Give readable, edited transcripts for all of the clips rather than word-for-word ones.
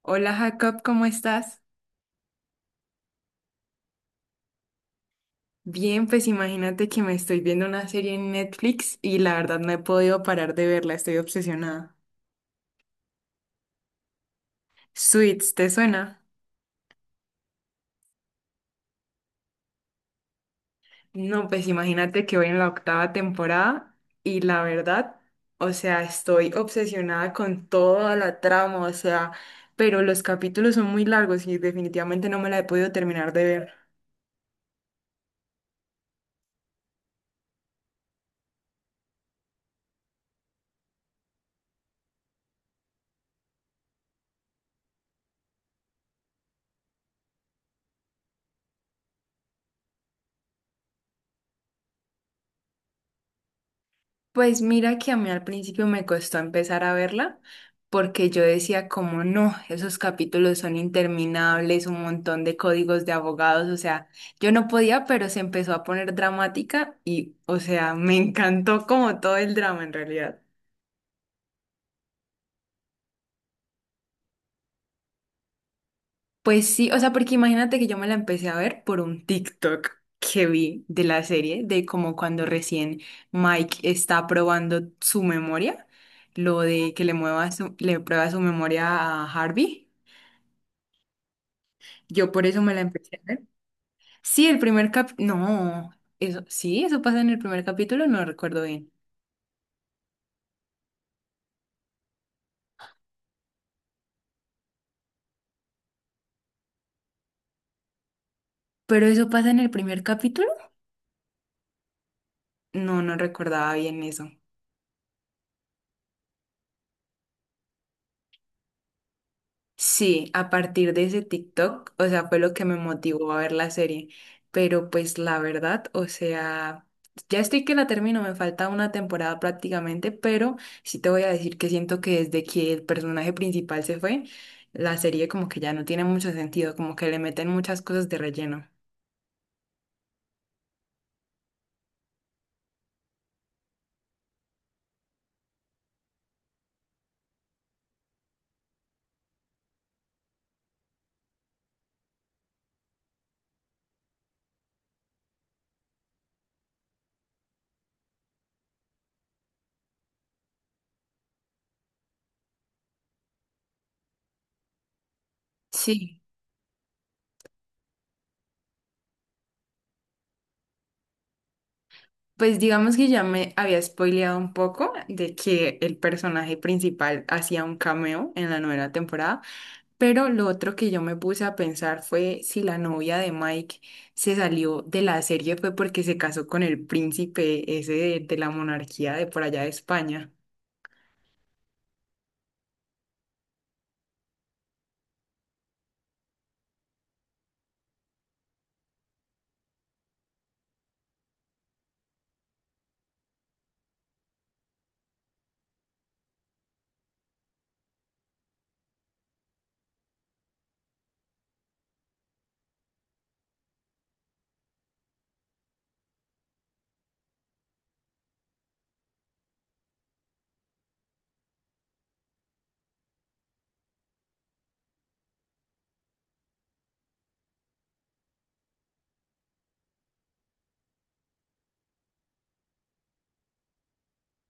Hola Jacob, ¿cómo estás? Bien, pues imagínate que me estoy viendo una serie en Netflix y la verdad no he podido parar de verla, estoy obsesionada. Suits, ¿te suena? No, pues imagínate que voy en la octava temporada y la verdad, o sea, estoy obsesionada con toda la trama, o sea, pero los capítulos son muy largos y definitivamente no me la he podido terminar de ver. Pues mira que a mí al principio me costó empezar a verla porque yo decía como no, esos capítulos son interminables, un montón de códigos de abogados, o sea, yo no podía, pero se empezó a poner dramática y, o sea, me encantó como todo el drama en realidad. Pues sí, o sea, porque imagínate que yo me la empecé a ver por un TikTok que vi de la serie, de como cuando recién Mike está probando su memoria, lo de que le mueva su, le prueba su memoria a Harvey. Yo por eso me la empecé a ver. Sí, el primer cap... No, eso, sí, eso pasa en el primer capítulo, no recuerdo bien. Pero eso pasa en el primer capítulo. No, no recordaba bien eso. Sí, a partir de ese TikTok, o sea, fue lo que me motivó a ver la serie. Pero pues la verdad, o sea, ya estoy que la termino, me falta una temporada prácticamente, pero sí te voy a decir que siento que desde que el personaje principal se fue, la serie como que ya no tiene mucho sentido, como que le meten muchas cosas de relleno. Sí, pues digamos que ya me había spoileado un poco de que el personaje principal hacía un cameo en la novena temporada, pero lo otro que yo me puse a pensar fue si la novia de Mike se salió de la serie fue porque se casó con el príncipe ese de la monarquía de por allá de España.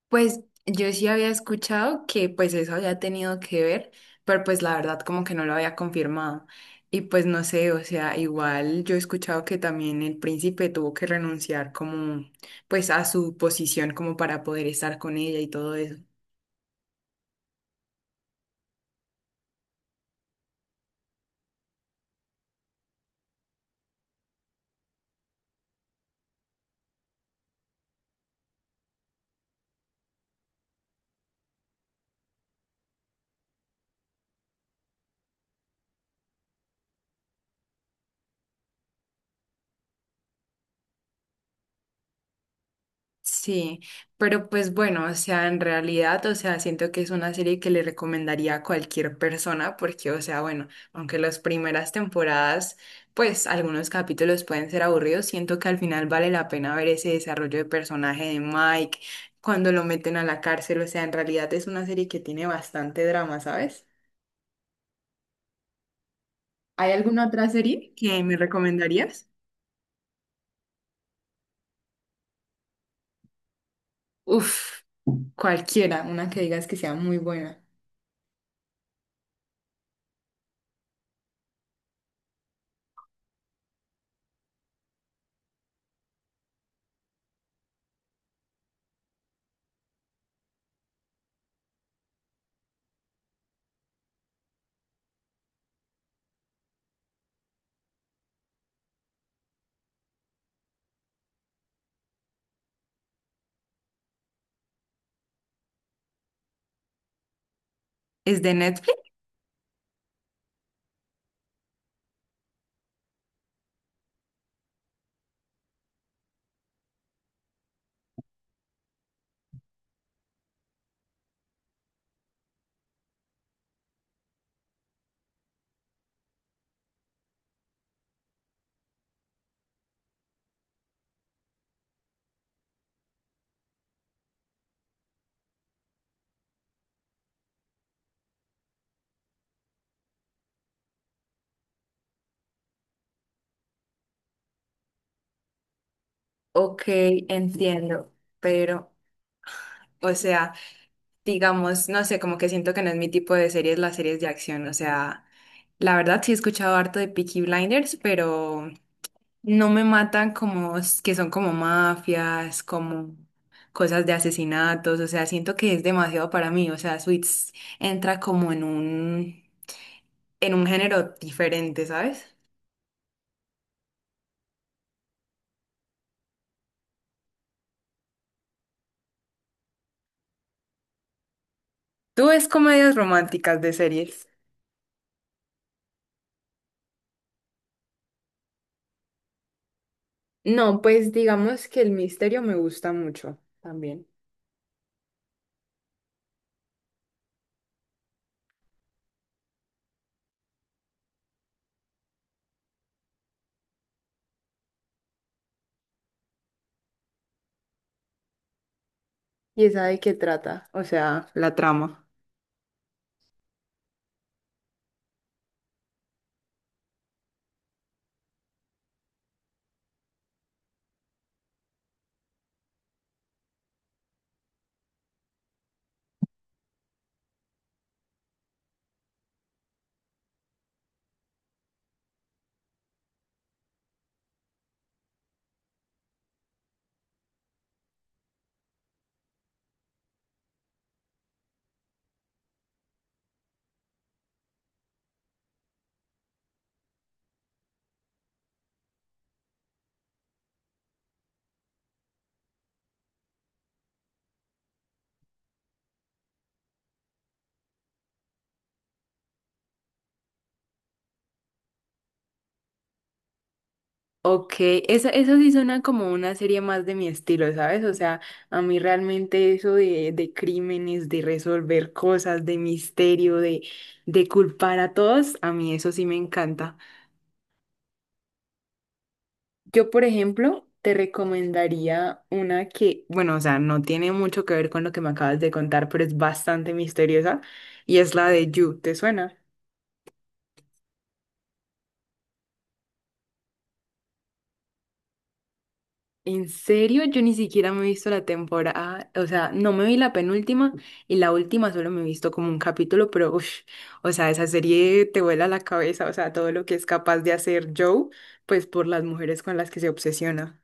Pues yo sí había escuchado que pues eso había tenido que ver, pero pues la verdad como que no lo había confirmado. Y pues no sé, o sea, igual yo he escuchado que también el príncipe tuvo que renunciar como pues a su posición como para poder estar con ella y todo eso. Sí, pero pues bueno, o sea, en realidad, o sea, siento que es una serie que le recomendaría a cualquier persona porque, o sea, bueno, aunque las primeras temporadas, pues algunos capítulos pueden ser aburridos, siento que al final vale la pena ver ese desarrollo de personaje de Mike cuando lo meten a la cárcel, o sea, en realidad es una serie que tiene bastante drama, ¿sabes? ¿Hay alguna otra serie que me recomendarías? Uf, cualquiera, una que digas que sea muy buena. ¿Es de Netflix? Ok, entiendo, pero, o sea, digamos, no sé, como que siento que no es mi tipo de series, las series de acción, o sea, la verdad sí he escuchado harto de Peaky Blinders, pero no me matan como s- que son como mafias, como cosas de asesinatos, o sea, siento que es demasiado para mí, o sea, Suits entra como en un género diferente, ¿sabes? ¿Tú ves comedias románticas de series? No, pues digamos que el misterio me gusta mucho también. Y esa de qué trata, o sea, la trama. Ok, esa, eso sí suena como una serie más de mi estilo, ¿sabes? O sea, a mí realmente eso de crímenes, de resolver cosas, de misterio, de culpar a todos, a mí eso sí me encanta. Yo, por ejemplo, te recomendaría una que, bueno, o sea, no tiene mucho que ver con lo que me acabas de contar, pero es bastante misteriosa y es la de You, ¿te suena? En serio, yo ni siquiera me he visto la temporada, o sea, no me vi la penúltima y la última solo me he visto como un capítulo, pero uff, o sea, esa serie te vuela la cabeza, o sea, todo lo que es capaz de hacer Joe, pues por las mujeres con las que se obsesiona.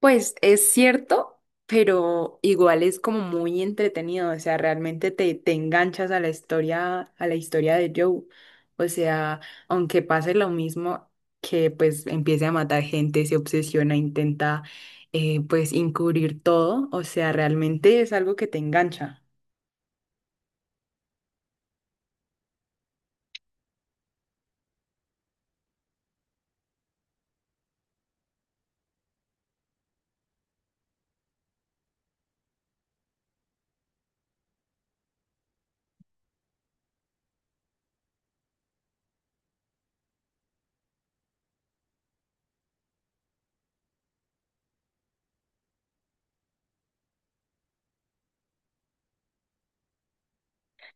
Pues es cierto, pero igual es como muy entretenido, o sea, realmente te, te enganchas a la historia de Joe. O sea, aunque pase lo mismo que pues empiece a matar gente, se obsesiona, intenta pues encubrir todo, o sea, realmente es algo que te engancha.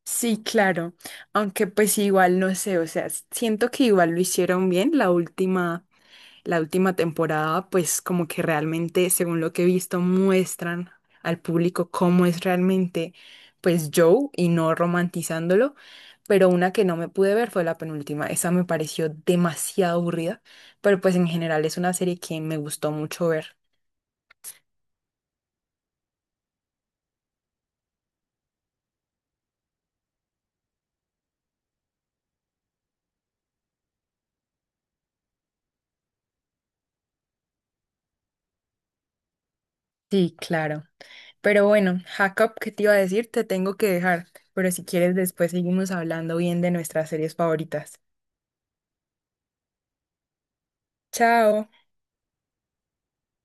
Sí, claro, aunque pues igual no sé, o sea, siento que igual lo hicieron bien la última. La última temporada, pues como que realmente, según lo que he visto, muestran al público cómo es realmente, pues Joe y no romantizándolo. Pero una que no me pude ver fue la penúltima. Esa me pareció demasiado aburrida, pero pues en general es una serie que me gustó mucho ver. Sí, claro. Pero bueno, Jacob, ¿qué te iba a decir? Te tengo que dejar, pero si quieres después seguimos hablando bien de nuestras series favoritas. Chao.